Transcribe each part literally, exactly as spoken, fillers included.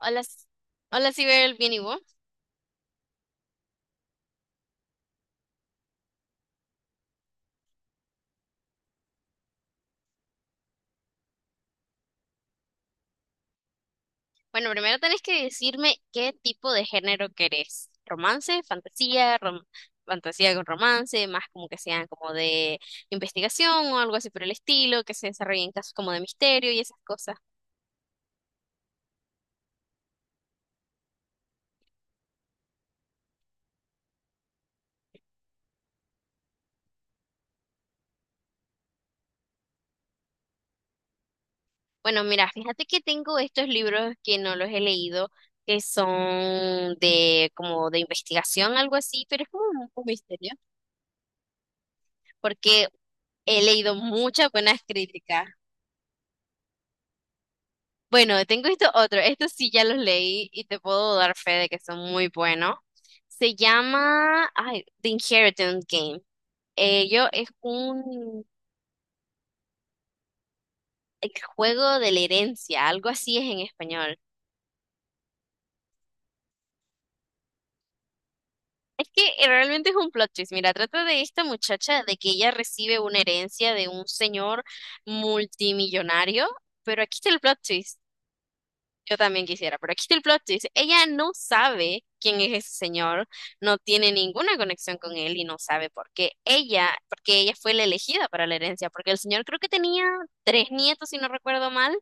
Hola, S- hola Sibel, bien y vos. Bueno, primero tenés que decirme qué tipo de género querés. ¿Romance, fantasía, rom- fantasía con romance, más como que sean como de investigación o algo así por el estilo, que se desarrollen casos como de misterio y esas cosas? Bueno, mira, fíjate que tengo estos libros que no los he leído, que son de como de investigación, algo así, pero es como un un misterio, porque he leído muchas buenas críticas. Bueno, tengo esto otro. Estos sí ya los leí y te puedo dar fe de que son muy buenos. Se llama, ay, The Inheritance Game. Ello es un el juego de la herencia, algo así es en español. Es que eh, realmente es un plot twist. Mira, trata de esta muchacha de que ella recibe una herencia de un señor multimillonario, pero aquí está el plot twist. Yo también quisiera, pero aquí está el plot twist. Ella no sabe quién es ese señor, no tiene ninguna conexión con él y no sabe por qué ella, porque ella fue la elegida para la herencia, porque el señor creo que tenía tres nietos, si no recuerdo mal,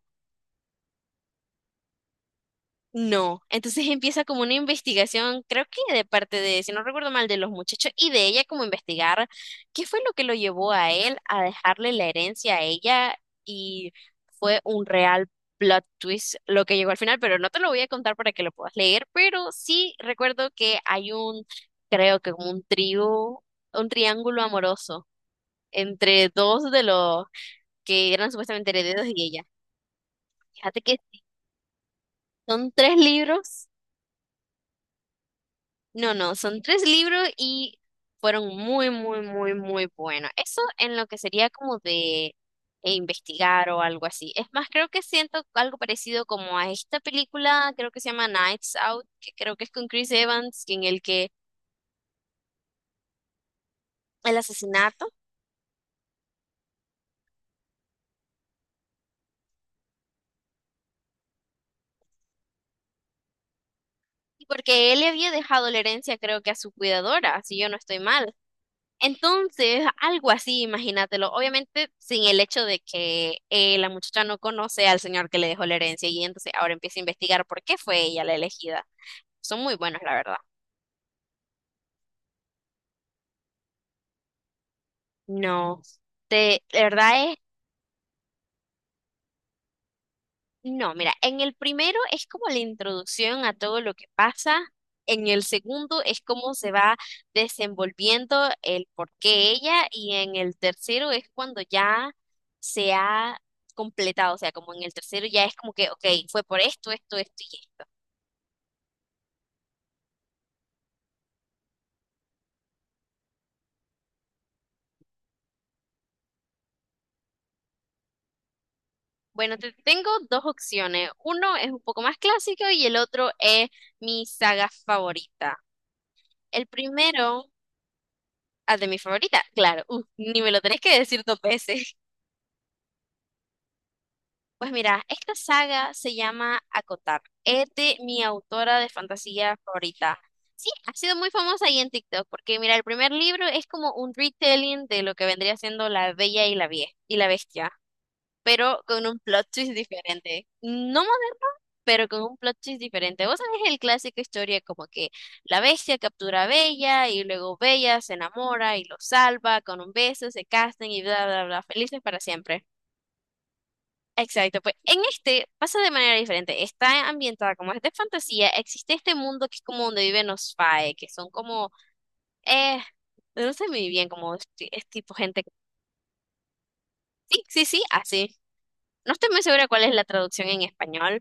no, entonces empieza como una investigación, creo que de parte de, si no recuerdo mal, de los muchachos y de ella como investigar qué fue lo que lo llevó a él a dejarle la herencia a ella y fue un real plot twist lo que llegó al final, pero no te lo voy a contar para que lo puedas leer, pero sí recuerdo que hay un, creo que como un trío, un triángulo amoroso entre dos de los que eran supuestamente herederos y ella. Fíjate que son tres libros. No, no, son tres libros y fueron muy, muy, muy, muy buenos. Eso en lo que sería como de eh, investigar o algo así. Es más, creo que siento algo parecido como a esta película, creo que se llama Nights Out, que creo que es con Chris Evans, en el que el asesinato, porque él le había dejado la herencia, creo que a su cuidadora, si yo no estoy mal. Entonces, algo así, imagínatelo. Obviamente, sin el hecho de que eh, la muchacha no conoce al señor que le dejó la herencia y entonces ahora empieza a investigar por qué fue ella la elegida. Son muy buenos, la verdad. No, de, la verdad. No, mira, en el primero es como la introducción a todo lo que pasa. En el segundo es cómo se va desenvolviendo el por qué ella. Y en el tercero es cuando ya se ha completado. O sea, como en el tercero ya es como que, ok, fue por esto, esto, esto y esto. Bueno, te tengo dos opciones. Uno es un poco más clásico y el otro es mi saga favorita. El primero, ah, de mi favorita, claro, uf, ni me lo tenés que decir dos veces. Pues mira, esta saga se llama Acotar. Es de mi autora de fantasía favorita. Sí, ha sido muy famosa ahí en TikTok, porque mira, el primer libro es como un retelling de lo que vendría siendo La Bella y la Vie- y la Bestia, pero con un plot twist diferente. No moderno, pero con un plot twist diferente. Vos sabés el clásico historia como que la bestia captura a Bella y luego Bella se enamora y lo salva con un beso, se casan y bla, bla, bla, felices para siempre. Exacto, pues en este pasa de manera diferente. Está ambientada como es de fantasía. Existe este mundo que es como donde viven los fae, que son como, eh, no sé muy bien, como es, ti- es tipo gente. Que- sí, sí, sí, así. No estoy muy segura cuál es la traducción en español,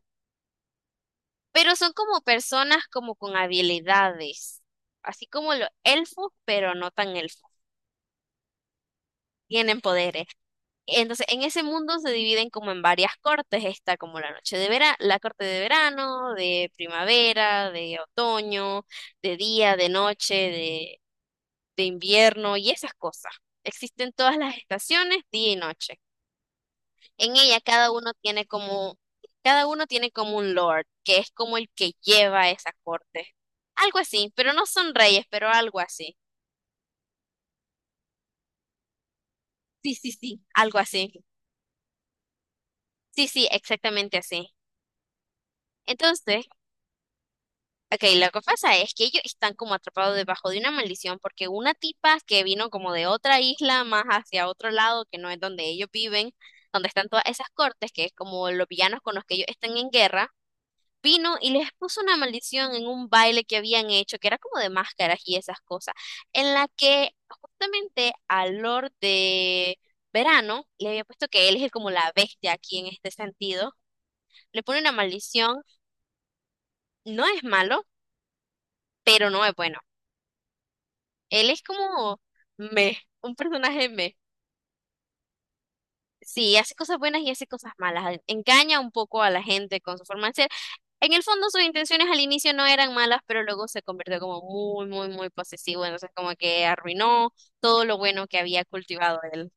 pero son como personas como con habilidades, así como los elfos, pero no tan elfos. Tienen poderes. Entonces, en ese mundo se dividen como en varias cortes. Está como la noche de verano, la corte de verano, de primavera, de otoño, de día, de noche, de, de invierno y esas cosas. Existen todas las estaciones, día y noche. En ella cada uno tiene como, cada uno tiene como un lord, que es como el que lleva esa corte. Algo así, pero no son reyes, pero algo así. Sí, sí, sí. Algo así. Sí, sí, exactamente así. Entonces, ok, lo que pasa es que ellos están como atrapados debajo de una maldición porque una tipa que vino como de otra isla más hacia otro lado, que no es donde ellos viven, donde están todas esas cortes, que es como los villanos con los que ellos están en guerra, vino y les puso una maldición en un baile que habían hecho, que era como de máscaras y esas cosas, en la que justamente al Lord de Verano le había puesto que él es como la bestia aquí en este sentido, le pone una maldición, no es malo, pero no es bueno. Él es como me, un personaje me. Sí, hace cosas buenas y hace cosas malas. Engaña un poco a la gente con su forma de ser. En el fondo, sus intenciones al inicio no eran malas, pero luego se convirtió como muy, muy, muy posesivo. Entonces, como que arruinó todo lo bueno que había cultivado él.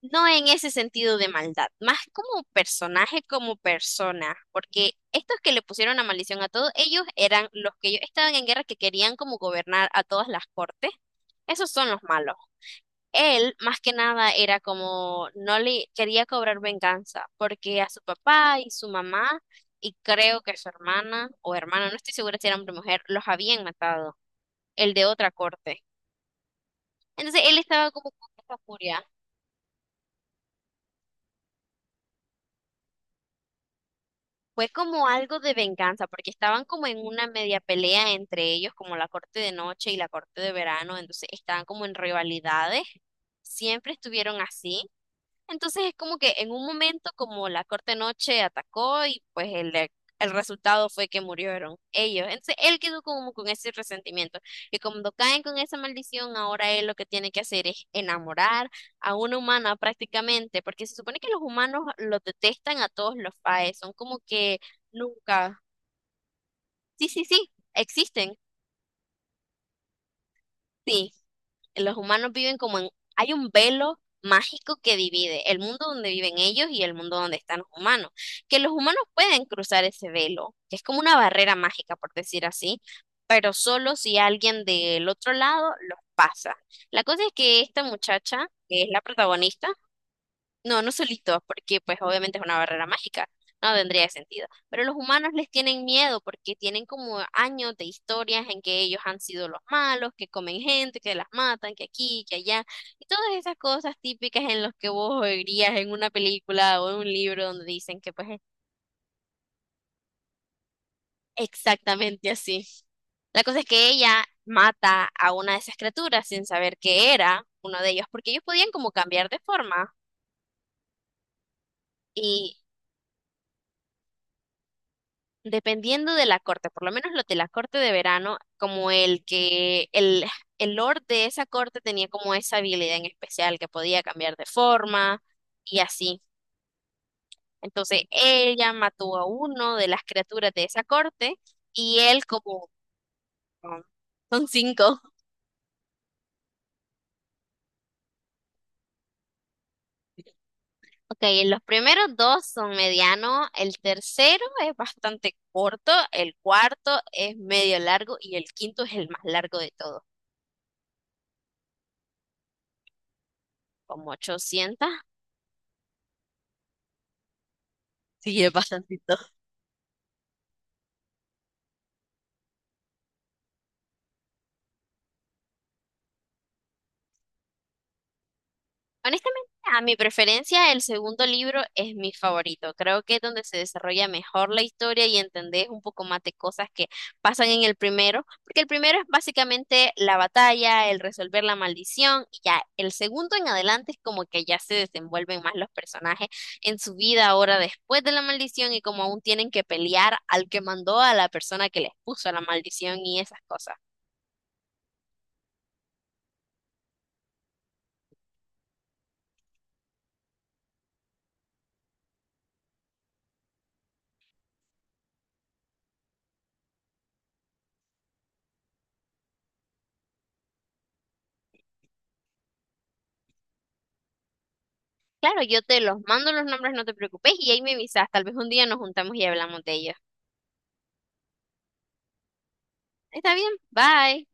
No en ese sentido de maldad, más como personaje, como persona, porque estos que le pusieron la maldición a todos, ellos eran los que ellos estaban en guerra que querían como gobernar a todas las cortes. Esos son los malos. Él, más que nada, era como, no le quería cobrar venganza, porque a su papá y su mamá, y creo que su hermana o hermana, no estoy segura si era hombre o mujer, los habían matado, el de otra corte. Entonces él estaba como con esa furia. Fue como algo de venganza, porque estaban como en una media pelea entre ellos, como la corte de noche y la corte de verano, entonces estaban como en rivalidades. Siempre estuvieron así. Entonces es como que en un momento como la corte noche atacó y pues el, el resultado fue que murieron ellos. Entonces él quedó como con ese resentimiento. Y cuando caen con esa maldición, ahora él lo que tiene que hacer es enamorar a una humana prácticamente, porque se supone que los humanos los detestan a todos los faes, son como que nunca. Sí, sí, sí, existen. Sí. Los humanos viven como en, hay un velo mágico que divide el mundo donde viven ellos y el mundo donde están los humanos, que los humanos pueden cruzar ese velo, que es como una barrera mágica, por decir así, pero solo si alguien del otro lado los pasa. La cosa es que esta muchacha, que es la protagonista, no, no solitos, porque pues obviamente es una barrera mágica, no tendría sentido. Pero los humanos les tienen miedo porque tienen como años de historias en que ellos han sido los malos, que comen gente, que las matan, que aquí, que allá, y todas esas cosas típicas en las que vos oirías en una película o en un libro donde dicen que pues es exactamente así. La cosa es que ella mata a una de esas criaturas sin saber que era uno de ellos, porque ellos podían como cambiar de forma. Dependiendo de la corte, por lo menos los de la corte de verano, como el que el, el lord de esa corte tenía como esa habilidad en especial que podía cambiar de forma y así. Entonces ella mató a uno de las criaturas de esa corte y él como son son cinco. Ok, los primeros dos son medianos, el tercero es bastante corto, el cuarto es medio largo y el quinto es el más largo de todos, como ochocientas. Sí, es bastante. Honestamente, a mi preferencia, el segundo libro es mi favorito. Creo que es donde se desarrolla mejor la historia y entendés un poco más de cosas que pasan en el primero, porque el primero es básicamente la batalla, el resolver la maldición, y ya el segundo en adelante es como que ya se desenvuelven más los personajes en su vida ahora después de la maldición y como aún tienen que pelear al que mandó a la persona que les puso la maldición y esas cosas. Claro, yo te los mando los nombres, no te preocupes, y ahí me avisas, tal vez un día nos juntamos y hablamos de ellos. Está bien, bye.